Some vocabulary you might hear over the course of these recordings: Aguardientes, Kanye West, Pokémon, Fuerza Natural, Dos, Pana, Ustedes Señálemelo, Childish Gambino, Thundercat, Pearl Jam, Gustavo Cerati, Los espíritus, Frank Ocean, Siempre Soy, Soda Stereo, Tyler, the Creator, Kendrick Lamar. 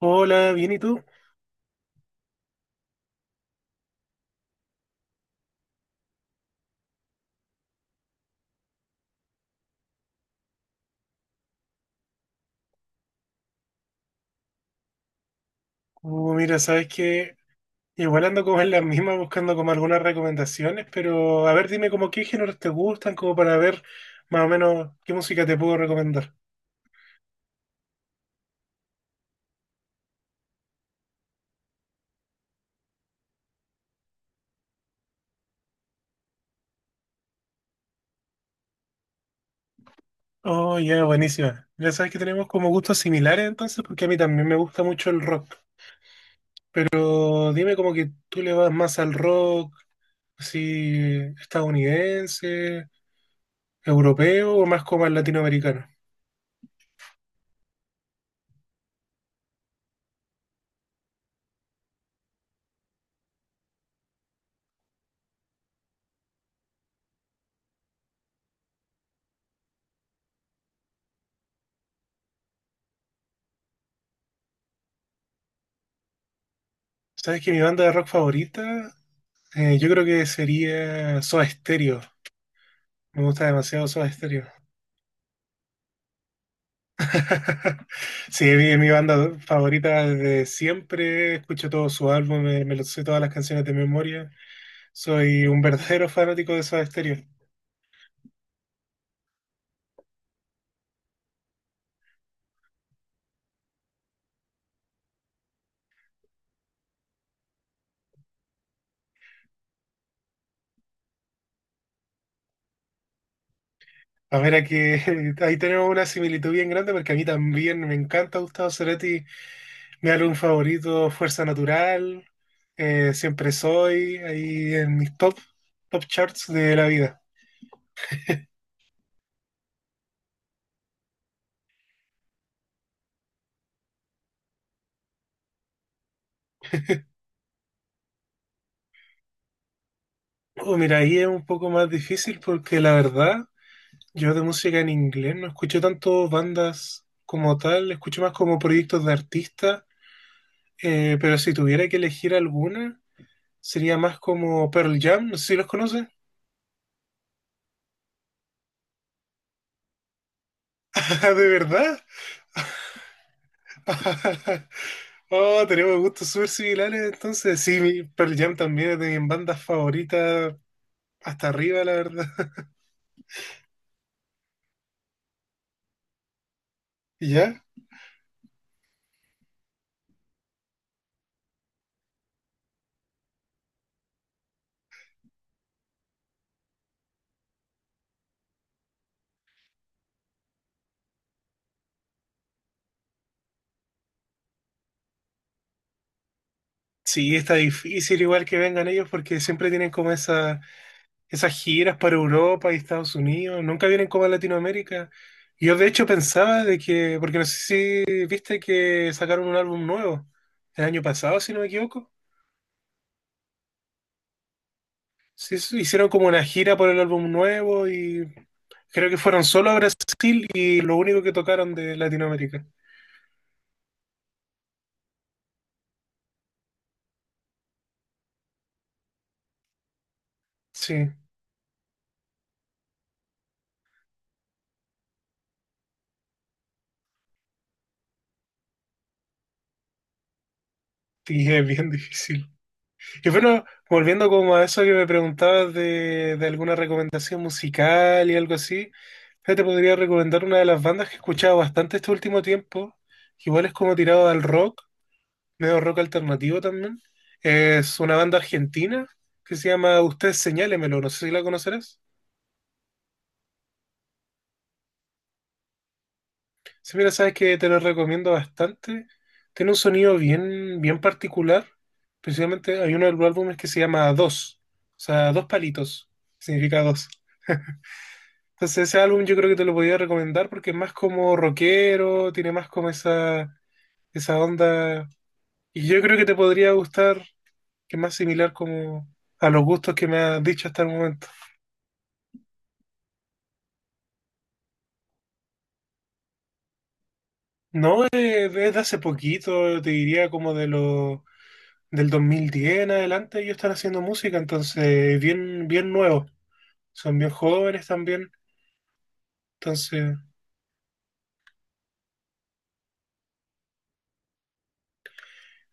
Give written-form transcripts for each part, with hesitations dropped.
Hola, bien, ¿y tú? Mira, sabes que igual ando como en las mismas buscando como algunas recomendaciones, pero a ver, dime como qué géneros te gustan, como para ver más o menos qué música te puedo recomendar. Oh, ya, buenísima. Ya sabes que tenemos como gustos similares entonces, porque a mí también me gusta mucho el rock, pero dime como que tú le vas más al rock, así estadounidense, europeo o más como al latinoamericano. Sabes que mi banda de rock favorita, yo creo que sería Soda Stereo. Me gusta demasiado Soda Stereo. Sí, es mi banda favorita desde siempre. Escucho todo su álbum, me lo sé todas las canciones de memoria. Soy un verdadero fanático de Soda Stereo. A ver, aquí ahí tenemos una similitud bien grande porque a mí también me encanta Gustavo Cerati. Mi álbum favorito, Fuerza Natural, Siempre Soy, ahí en mis top charts de la vida. Oh, mira, ahí es un poco más difícil porque la verdad, yo de música en inglés no escucho tanto bandas como tal, escucho más como proyectos de artistas, pero si tuviera que elegir alguna, sería más como Pearl Jam, no sé si los conoces. Ah, ¿de verdad? Oh, tenemos gustos súper similares, entonces sí, Pearl Jam también es de mis bandas favoritas, hasta arriba, la verdad. ¿Ya? Sí, está difícil igual que vengan ellos porque siempre tienen como esa… Esas giras para Europa y Estados Unidos nunca vienen como a Latinoamérica. Y yo de hecho pensaba de que, porque no sé si viste que sacaron un álbum nuevo el año pasado, si no me equivoco. Sí, sí, hicieron como una gira por el álbum nuevo y creo que fueron solo a Brasil y lo único que tocaron de Latinoamérica. Sí, y es bien difícil. Y bueno, volviendo como a eso que me preguntabas de alguna recomendación musical y algo así, yo te podría recomendar una de las bandas que he escuchado bastante este último tiempo, que igual es como tirado al rock, medio rock alternativo también. Es una banda argentina que se llama Ustedes Señálemelo, no sé si la conocerás. Si mira, sabes que te lo recomiendo bastante. Tiene un sonido bien particular. Precisamente hay uno de los álbumes que se llama Dos, o sea, dos palitos, significa dos. Entonces ese álbum yo creo que te lo podía recomendar porque es más como rockero, tiene más como esa onda. Y yo creo que te podría gustar, que es más similar como a los gustos que me has dicho hasta el momento. No, es desde hace poquito, te diría como de lo del 2010 en adelante ellos están haciendo música, entonces bien, bien nuevos. Son bien jóvenes también, entonces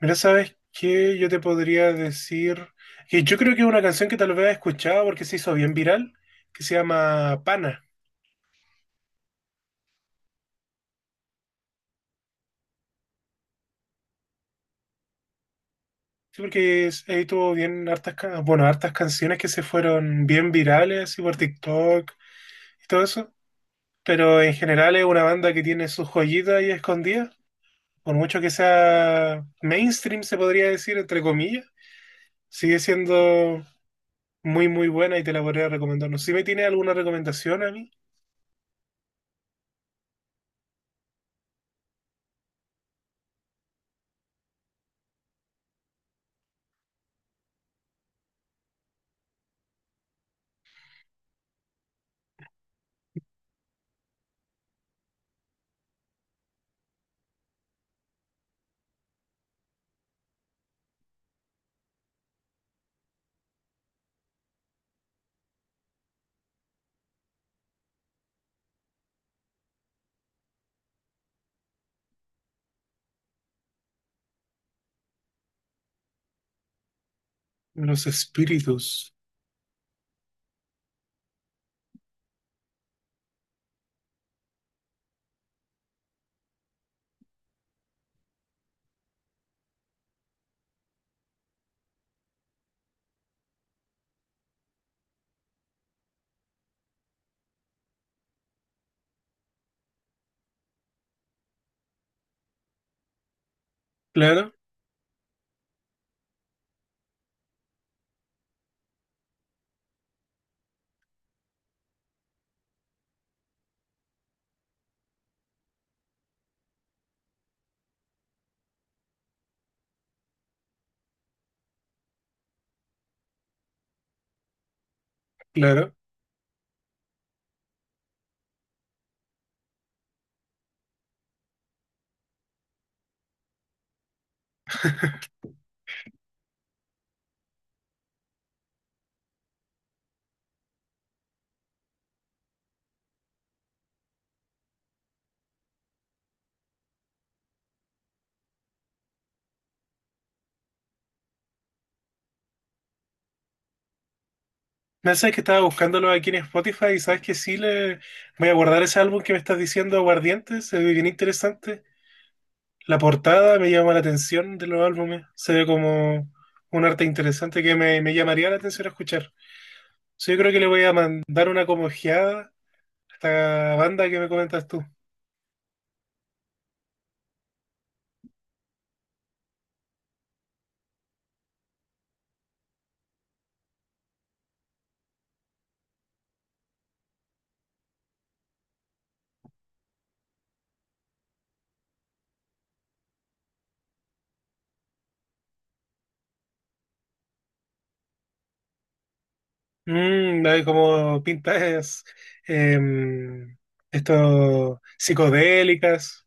mira, ¿sabes qué? Yo te podría decir que yo creo que es una canción que tal vez has escuchado porque se hizo bien viral, que se llama Pana. Sí, porque ahí tuvo bien hartas, bueno, hartas canciones que se fueron bien virales, y por TikTok y todo eso. Pero en general es una banda que tiene sus joyitas ahí escondidas. Por mucho que sea mainstream, se podría decir, entre comillas, sigue siendo muy, muy buena y te la podría recomendar. No sé si me tiene alguna recomendación a mí. Los espíritus. Claro. Claro. Me sabes que estaba buscándolo aquí en Spotify y sabes que sí le voy a guardar ese álbum que me estás diciendo, Aguardientes, se ve bien interesante. La portada me llama la atención de los álbumes, se ve como un arte interesante que me llamaría la atención a escuchar. Sí, yo creo que le voy a mandar una como ojeada a esta banda que me comentas tú. Mm, hay como pintas em, estos psicodélicas.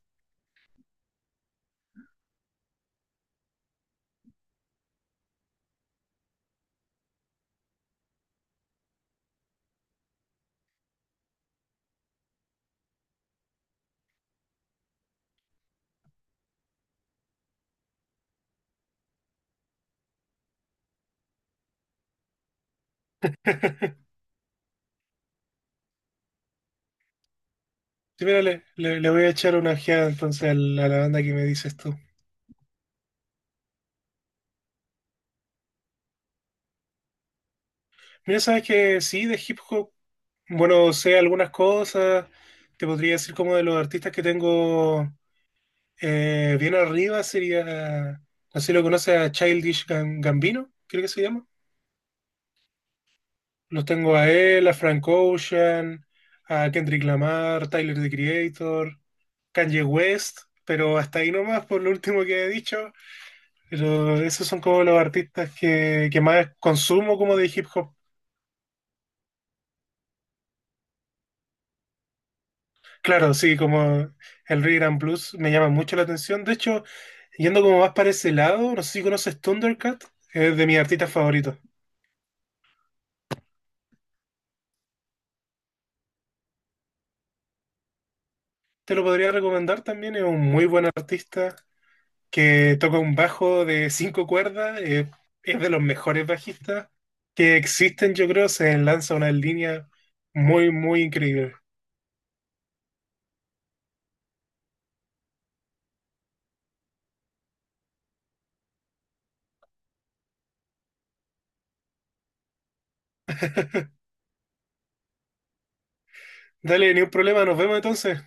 Sí, mira, le voy a echar una ojeada entonces a la banda que me dices tú. Mira, sabes que sí, de hip hop, bueno, sé algunas cosas, te podría decir como de los artistas que tengo bien arriba, sería, no sé si lo conoces a Gambino, creo que se llama. Los tengo a él, a Frank Ocean, a Kendrick Lamar, Tyler, the Creator, Kanye West, pero hasta ahí nomás por lo último que he dicho, pero esos son como los artistas que más consumo como de hip hop. Claro, sí, como el Regram blues me llama mucho la atención. De hecho, yendo como más para ese lado, no sé si conoces Thundercat, es de mis artistas favoritos. Te lo podría recomendar también, es un muy buen artista que toca un bajo de 5 cuerdas, es de los mejores bajistas que existen, yo creo, se lanza una línea muy, muy increíble. Dale, ni un problema, nos vemos entonces.